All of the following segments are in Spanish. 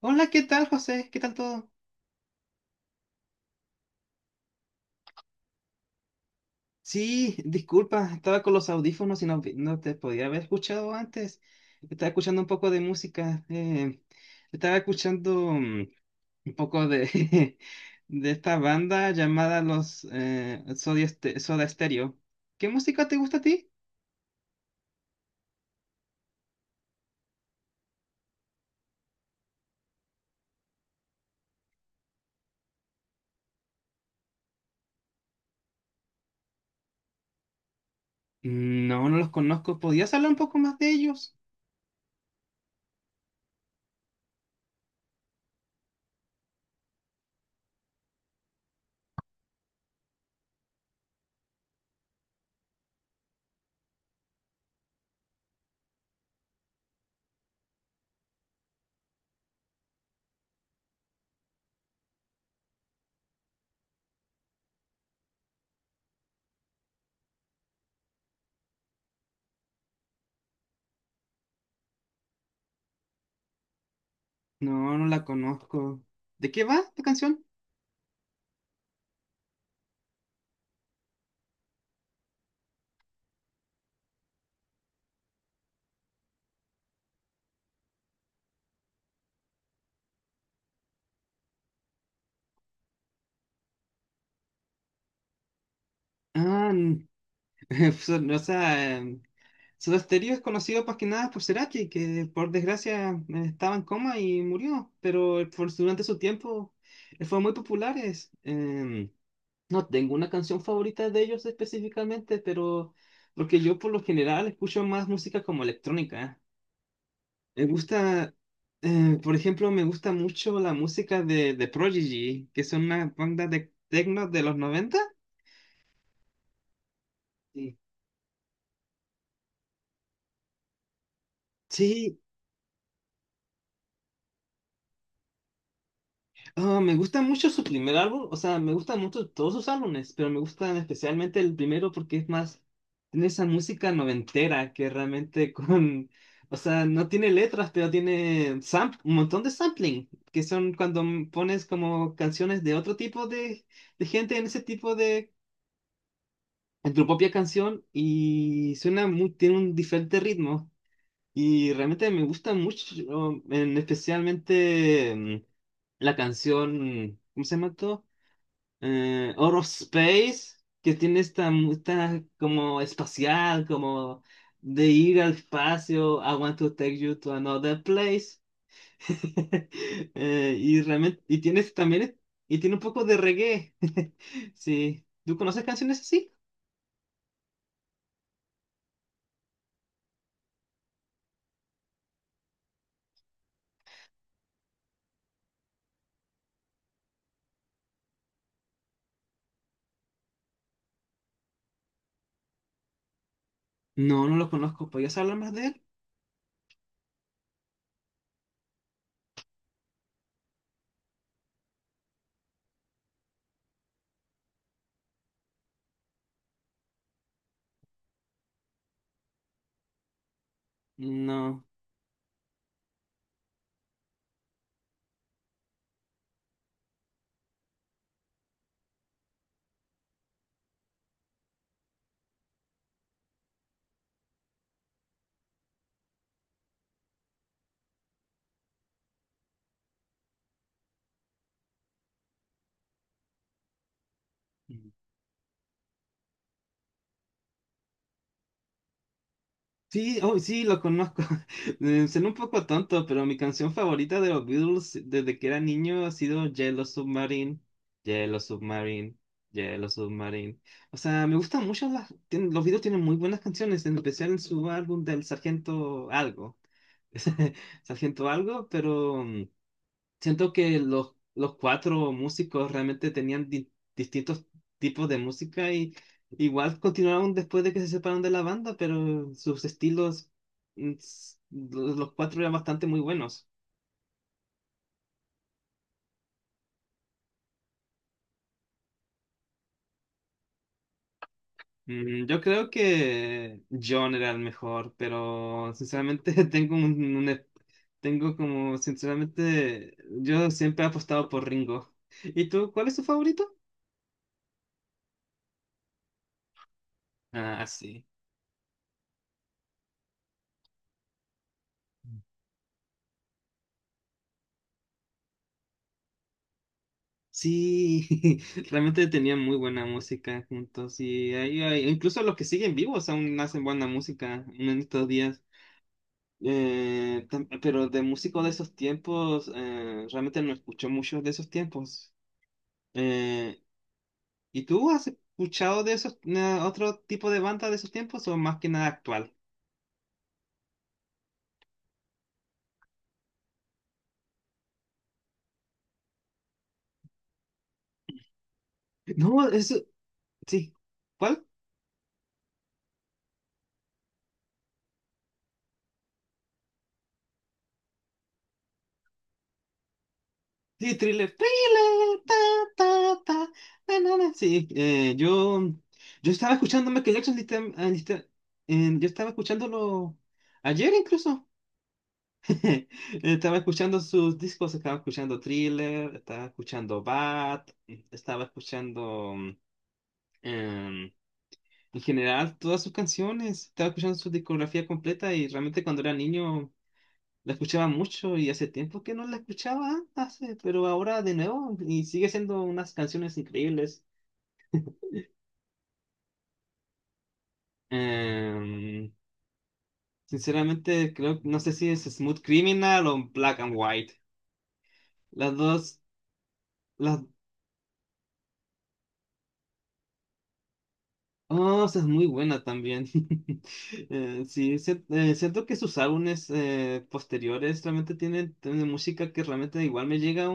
Hola, ¿qué tal, José? ¿Qué tal todo? Sí, disculpa, estaba con los audífonos y no, no te podía haber escuchado antes. Estaba escuchando un poco de música. Estaba escuchando un poco de, de esta banda llamada los Soda, Soda Stereo. ¿Qué música te gusta a ti? No, no los conozco. ¿Podrías hablar un poco más de ellos? No, no la conozco. ¿De qué va esta canción? Ah, n- o sea, Soda Stereo es conocido más que nada por Cerati, que por desgracia estaba en coma y murió, pero durante su tiempo fue muy populares. No tengo una canción favorita de ellos específicamente, pero porque yo por lo general escucho más música como electrónica. Me gusta, por ejemplo, me gusta mucho la música de Prodigy, que son una banda de techno de los noventa. Sí. Sí, ah, me gusta mucho su primer álbum, o sea, me gustan mucho todos sus álbumes, pero me gustan especialmente el primero porque es más, tiene esa música noventera que realmente con, o sea, no tiene letras, pero tiene un montón de sampling, que son cuando pones como canciones de otro tipo de gente en ese tipo de, en tu propia canción y suena muy, tiene un diferente ritmo y realmente me gusta mucho, en, especialmente la canción, ¿cómo se llama todo? Out of Space, que tiene esta, esta como espacial, como de ir al espacio, I want to take you to another place. Y realmente, y tienes también, y tiene un poco de reggae. Sí. ¿Tú conoces canciones así? No, no lo conozco. ¿Podrías hablar más de él? No. Sí, oh, sí, lo conozco. Suena un poco tonto, pero mi canción favorita de los Beatles desde que era niño ha sido Yellow Submarine, Yellow Submarine, Yellow Submarine. O sea, me gustan mucho las... Los Beatles tienen muy buenas canciones, en especial en su álbum del Sargento Algo. Sargento Algo, pero... siento que los cuatro músicos realmente tenían distintos tipos de música y igual continuaron después de que se separaron de la banda, pero sus estilos, los cuatro eran bastante muy buenos. Mm, yo creo que John era el mejor, pero sinceramente tengo tengo como, sinceramente, yo siempre he apostado por Ringo. ¿Y tú, cuál es tu favorito? Ah, sí. Sí, realmente tenían muy buena música juntos y incluso los que siguen vivos aún hacen buena música en estos días. Pero de músicos de esos tiempos, realmente no escucho mucho de esos tiempos. Eh, ¿Y tú has escuchado de esos otro tipo de banda de esos tiempos o más que nada actual? No, eso sí. ¿Cuál? Sí, thriller, thriller, ta, ta, ta, na, na, na. Sí, yo estaba escuchando Michael Jackson, yo estaba escuchándolo ayer incluso. Estaba escuchando sus discos, estaba escuchando Thriller, estaba escuchando Bad, estaba escuchando em, en general todas sus canciones, estaba escuchando su discografía completa y realmente cuando era niño la escuchaba mucho y hace tiempo que no la escuchaba, hace, pero ahora de nuevo y sigue siendo unas canciones increíbles. Em, Sinceramente, creo, no sé si es Smooth Criminal o Black and White. Las dos, las dos es muy buena también. Sí, Siento que sus álbumes posteriores realmente tienen, tienen música que realmente igual me llega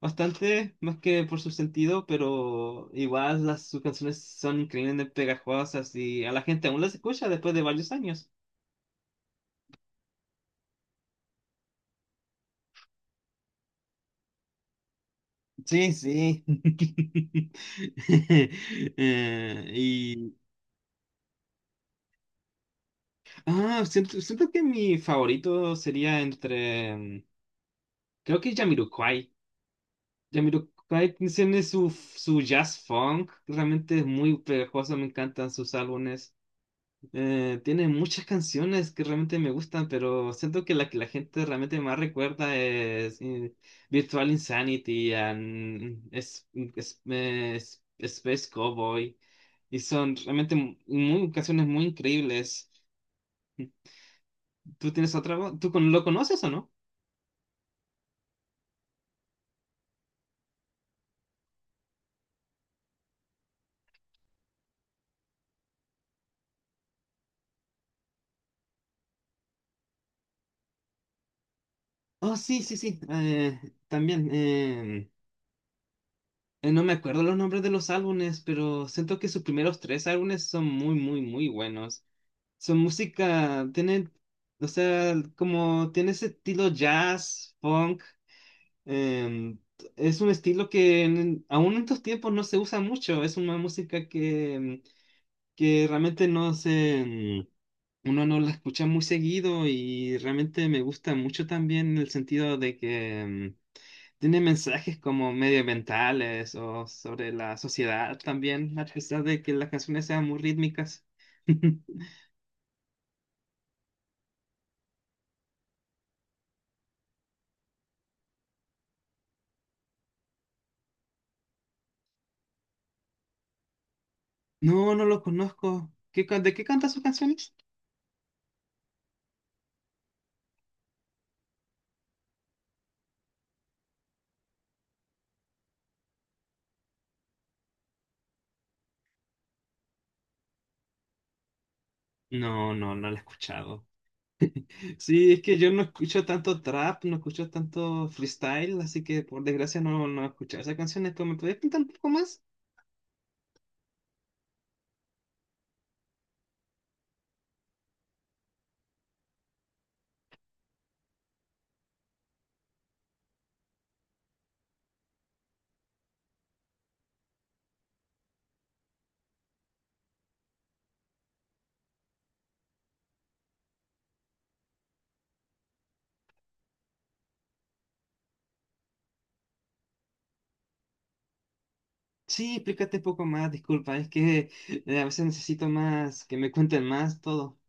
bastante, más que por su sentido, pero igual las, sus canciones son increíblemente pegajosas y a la gente aún las escucha después de varios años. Sí, sí. Eh, y ah, siento, siento que mi favorito sería entre creo que Jamiroquai. Jamiroquai tiene su, su jazz funk, realmente es muy pegajoso, me encantan sus álbumes. Tiene muchas canciones que realmente me gustan, pero siento que la gente realmente más recuerda es Virtual Insanity, and es, Space Cowboy, y son realmente muy, canciones muy increíbles. ¿Tú tienes otra? Voz ¿Tú lo conoces o no? Oh, sí, sí, sí. También, eh, no me acuerdo los nombres de los álbumes, pero siento que sus primeros tres álbumes son muy, muy, muy buenos. Su música tiene, o sea, como tiene ese estilo jazz, funk. em, es un estilo que aún en estos tiempos no se usa mucho. Es una música que, que realmente no se, uno no la escucha muy seguido y realmente me gusta mucho también en el sentido de que tiene mensajes como medioambientales o sobre la sociedad también, a pesar de que las canciones sean muy rítmicas. No, no lo conozco. ¿De qué canta sus canciones? No, no, no la he escuchado. Sí, es que yo no escucho tanto trap, no escucho tanto freestyle, así que por desgracia no, no he escuchado esas canciones. ¿Pero me puedes contar un poco más? Sí, explícate un poco más, disculpa, es que a veces necesito más, que me cuenten más todo.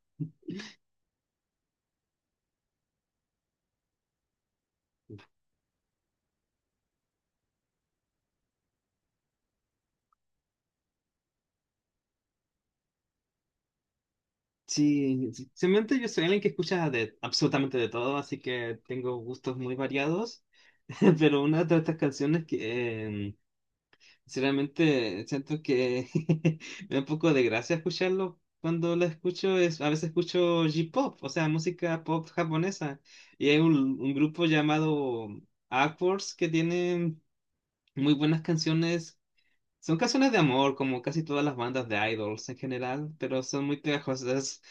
Sí, sí, simplemente yo soy alguien que escucha de absolutamente de todo, así que tengo gustos muy variados, pero una de estas canciones que, sinceramente, siento que me da un poco de gracia escucharlo. Cuando lo escucho, es, a veces escucho J-pop, o sea, música pop japonesa. Y hay un grupo llamado Aquors que tiene muy buenas canciones. Son canciones de amor, como casi todas las bandas de idols en general, pero son muy pegajosas.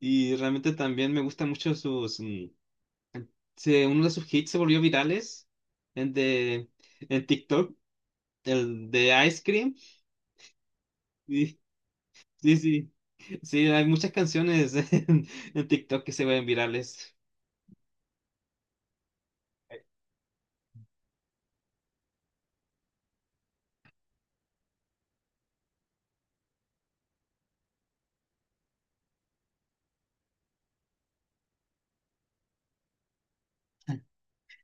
Y realmente también me gustan mucho sus... uno de sus hits se volvió virales en, de, en TikTok, el de Ice Cream. Sí, sí. Sí, hay muchas canciones en TikTok que se ven virales.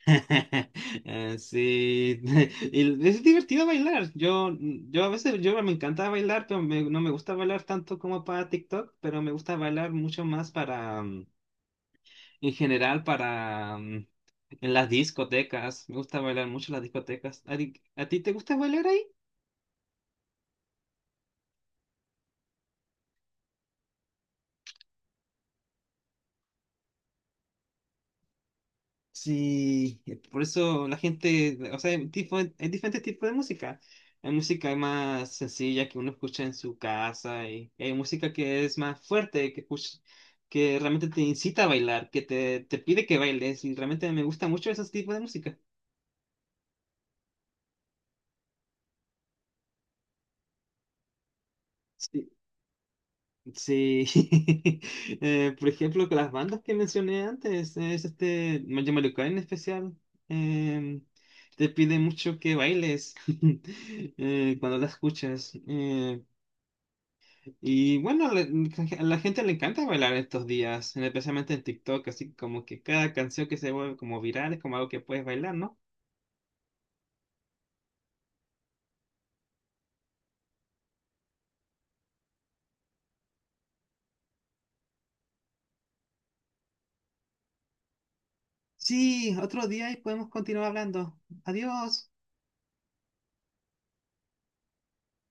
Sí, y es divertido bailar. Yo a veces yo me encanta bailar, pero no me gusta bailar tanto como para TikTok, pero me gusta bailar mucho más para, en general, para en las discotecas. Me gusta bailar mucho en las discotecas. A ti te gusta bailar? Sí, por eso la gente, o sea, hay, hay diferentes tipos de música. Hay música más sencilla que uno escucha en su casa y hay música que es más fuerte, que realmente te incita a bailar, que te pide que bailes y realmente me gusta mucho ese tipo de música. Sí, eh, por ejemplo, con las bandas que mencioné antes, es este Mayo Mario Kart en especial, eh, te pide mucho que bailes cuando la escuchas. Bueno, a la gente le encanta bailar estos días, especialmente en TikTok, así como que cada canción que se vuelve como viral es como algo que puedes bailar, ¿no? Sí, otro día y podemos continuar hablando. Adiós.